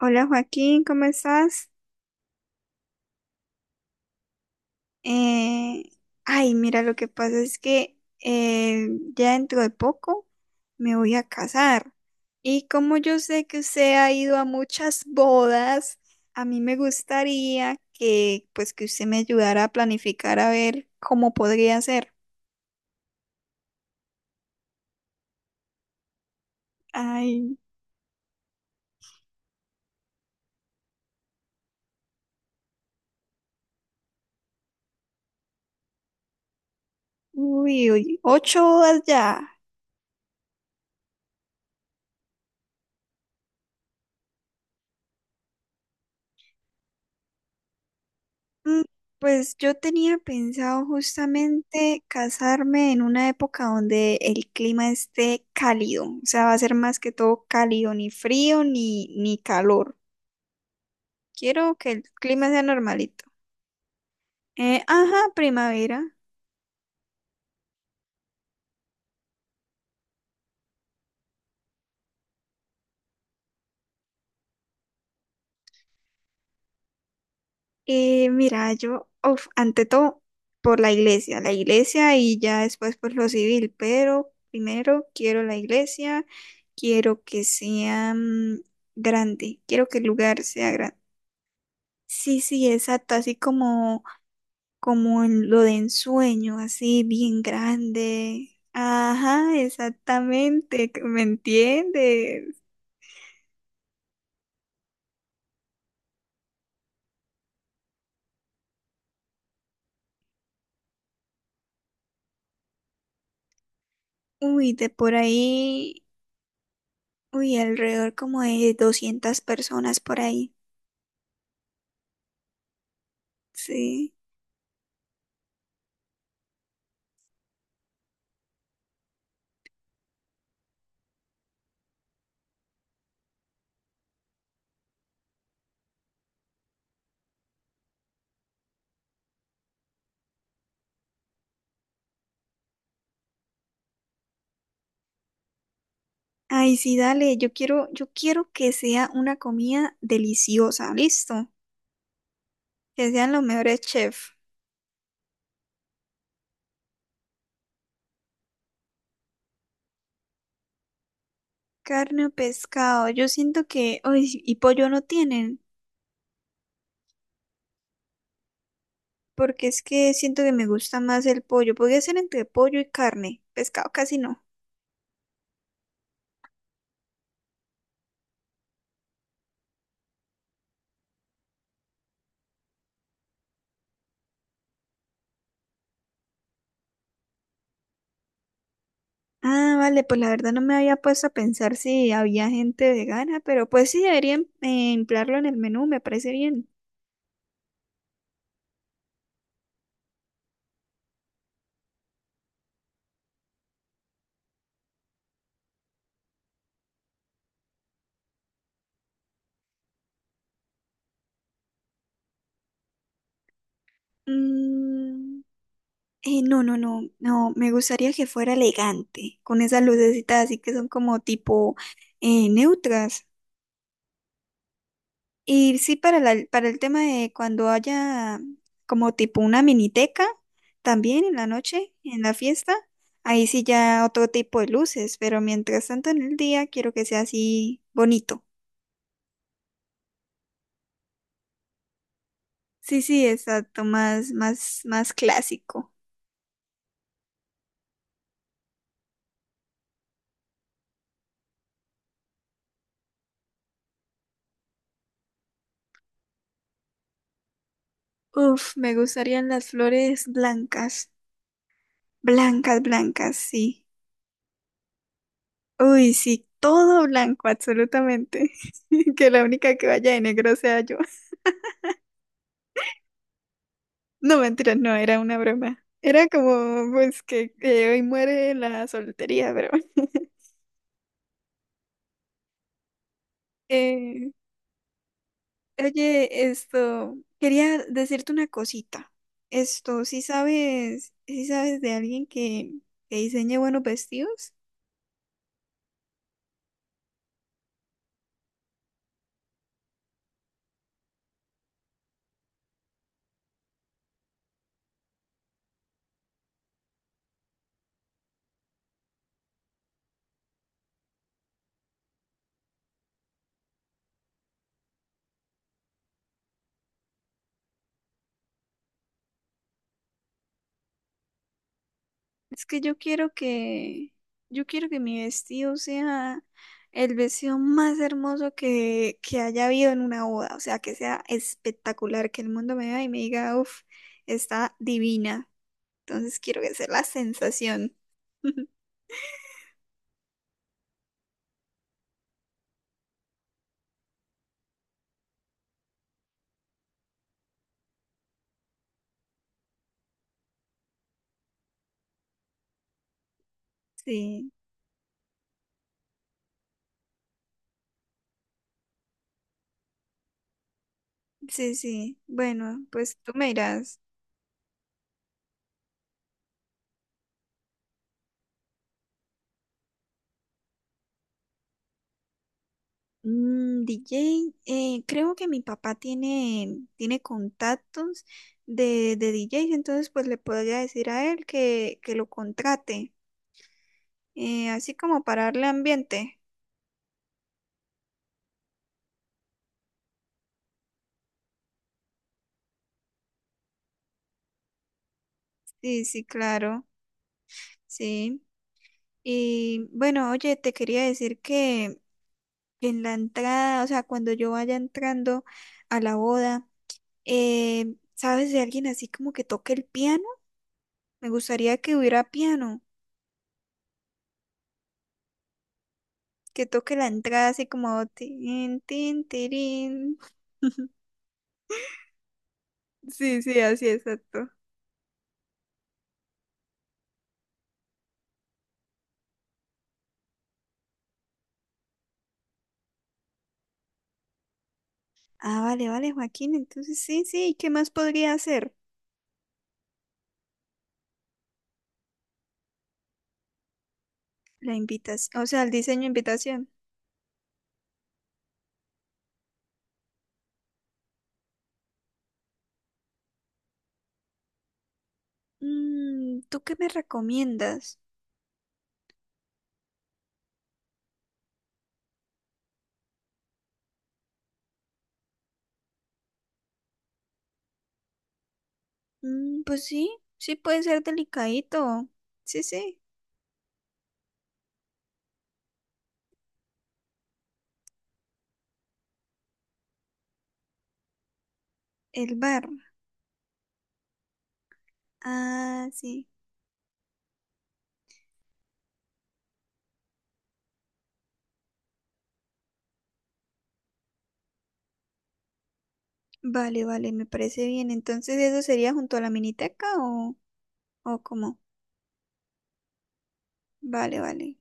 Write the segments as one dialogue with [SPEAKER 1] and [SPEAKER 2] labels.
[SPEAKER 1] Hola Joaquín, ¿cómo estás? Eh, mira, lo que pasa es que ya dentro de poco me voy a casar. Y como yo sé que usted ha ido a muchas bodas, a mí me gustaría que, pues, que usted me ayudara a planificar a ver cómo podría ser. Ay, uy, uy, ocho bodas ya. Mm, Pues yo tenía pensado justamente casarme en una época donde el clima esté cálido, o sea, va a ser más que todo cálido, ni frío ni calor. Quiero que el clima sea normalito. Ajá, primavera. Mira, yo, uf, ante todo, por la iglesia y ya después por lo civil, pero primero quiero la iglesia, quiero que sea grande, quiero que el lugar sea grande. Sí, sí, exacto, como en lo de ensueño, así bien grande. Ajá, exactamente, que me entiendes? Uy, de por ahí, uy, alrededor como de 200 personas por ahí. Sí. Ay, sí, dale, yo quiero que sea una comida deliciosa, listo. Que sean los mejores chefs. Carne o pescado, yo siento que, uy, y pollo no tienen. Porque es que siento que me gusta más el pollo. Podría ser entre pollo y carne, pescado casi no. Ah, vale, pues la verdad no me había puesto a pensar si había gente vegana, pero pues sí debería emplearlo en el menú, me parece bien. Mm, no, no, no, no, me gustaría que fuera elegante, con esas lucecitas así que son como tipo neutras. Y sí, para el tema de cuando haya como tipo una miniteca, también en la noche, en la fiesta, ahí sí ya otro tipo de luces, pero mientras tanto en el día quiero que sea así bonito. Sí, sí, exacto, más, más, más clásico. Uf, me gustarían las flores blancas, blancas, blancas, sí. Uy, sí, todo blanco, absolutamente. Que la única que vaya de negro sea yo. No, mentira, no, era una broma. Era como, pues, que hoy muere la soltería, pero... Eh, oye, esto, quería decirte una cosita. Esto, ¿si sabes de alguien que diseñe buenos vestidos? Es que yo quiero que mi vestido sea el vestido más hermoso que haya habido en una boda. O sea, que sea espectacular, que el mundo me vea y me diga, uff, está divina. Entonces quiero que sea la sensación. Sí, sí, sí. Bueno, pues tú me dirás. Mm, DJ, creo que tiene contactos de DJs, entonces pues le podría decir a él que lo contrate, así como para darle ambiente. Sí, sí, claro, sí. Y bueno, oye, te quería decir que en la entrada, o sea, cuando yo vaya entrando a la boda, ¿sabes de alguien así como que toque el piano? Me gustaría que hubiera piano, que toque la entrada así como tin, tin, tirín. Sí, sí, así exacto. Ah, vale, vale, Joaquín, entonces sí, sí, ¿qué más podría hacer? La invitación, o sea, el diseño de invitación. Mm, ¿tú qué me recomiendas? Mm, pues sí, sí puede ser delicadito. Sí, sí, el bar. Ah, sí. Vale, vale, me parece bien. Entonces, ¿eso sería junto a la miniteca o cómo? Vale, vale.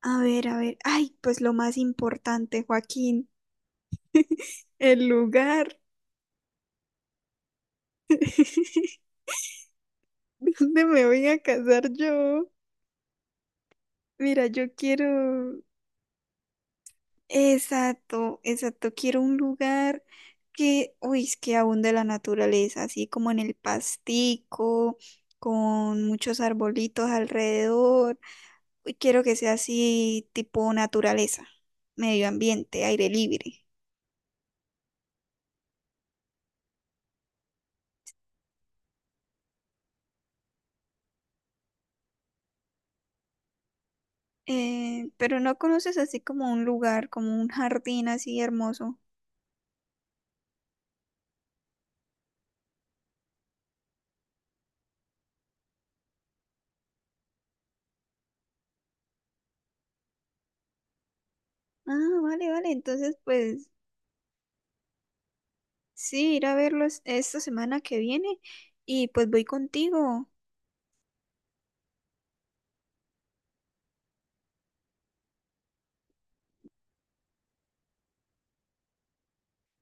[SPEAKER 1] A ver, a ver. Ay, pues lo más importante, Joaquín, el lugar. ¿Dónde me voy a casar yo? Mira, yo quiero... Exacto, exacto. Quiero un lugar que, uy, es que abunde la naturaleza, así como en el pastico, con muchos arbolitos alrededor. Uy, quiero que sea así tipo naturaleza, medio ambiente, aire libre. Pero no conoces así como un lugar, como un jardín así hermoso. Ah, vale, vale. Entonces, pues sí, ir a verlo esta semana que viene y pues voy contigo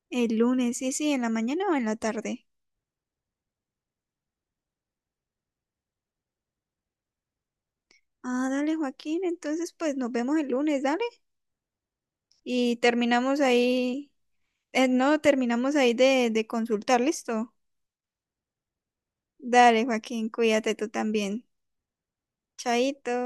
[SPEAKER 1] el lunes, sí, sí, en la mañana o en la tarde. Ah, dale, Joaquín. Entonces, pues nos vemos el lunes, dale. Y terminamos ahí, no, terminamos ahí de consultar, listo. Dale, Joaquín, cuídate tú también. Chaito.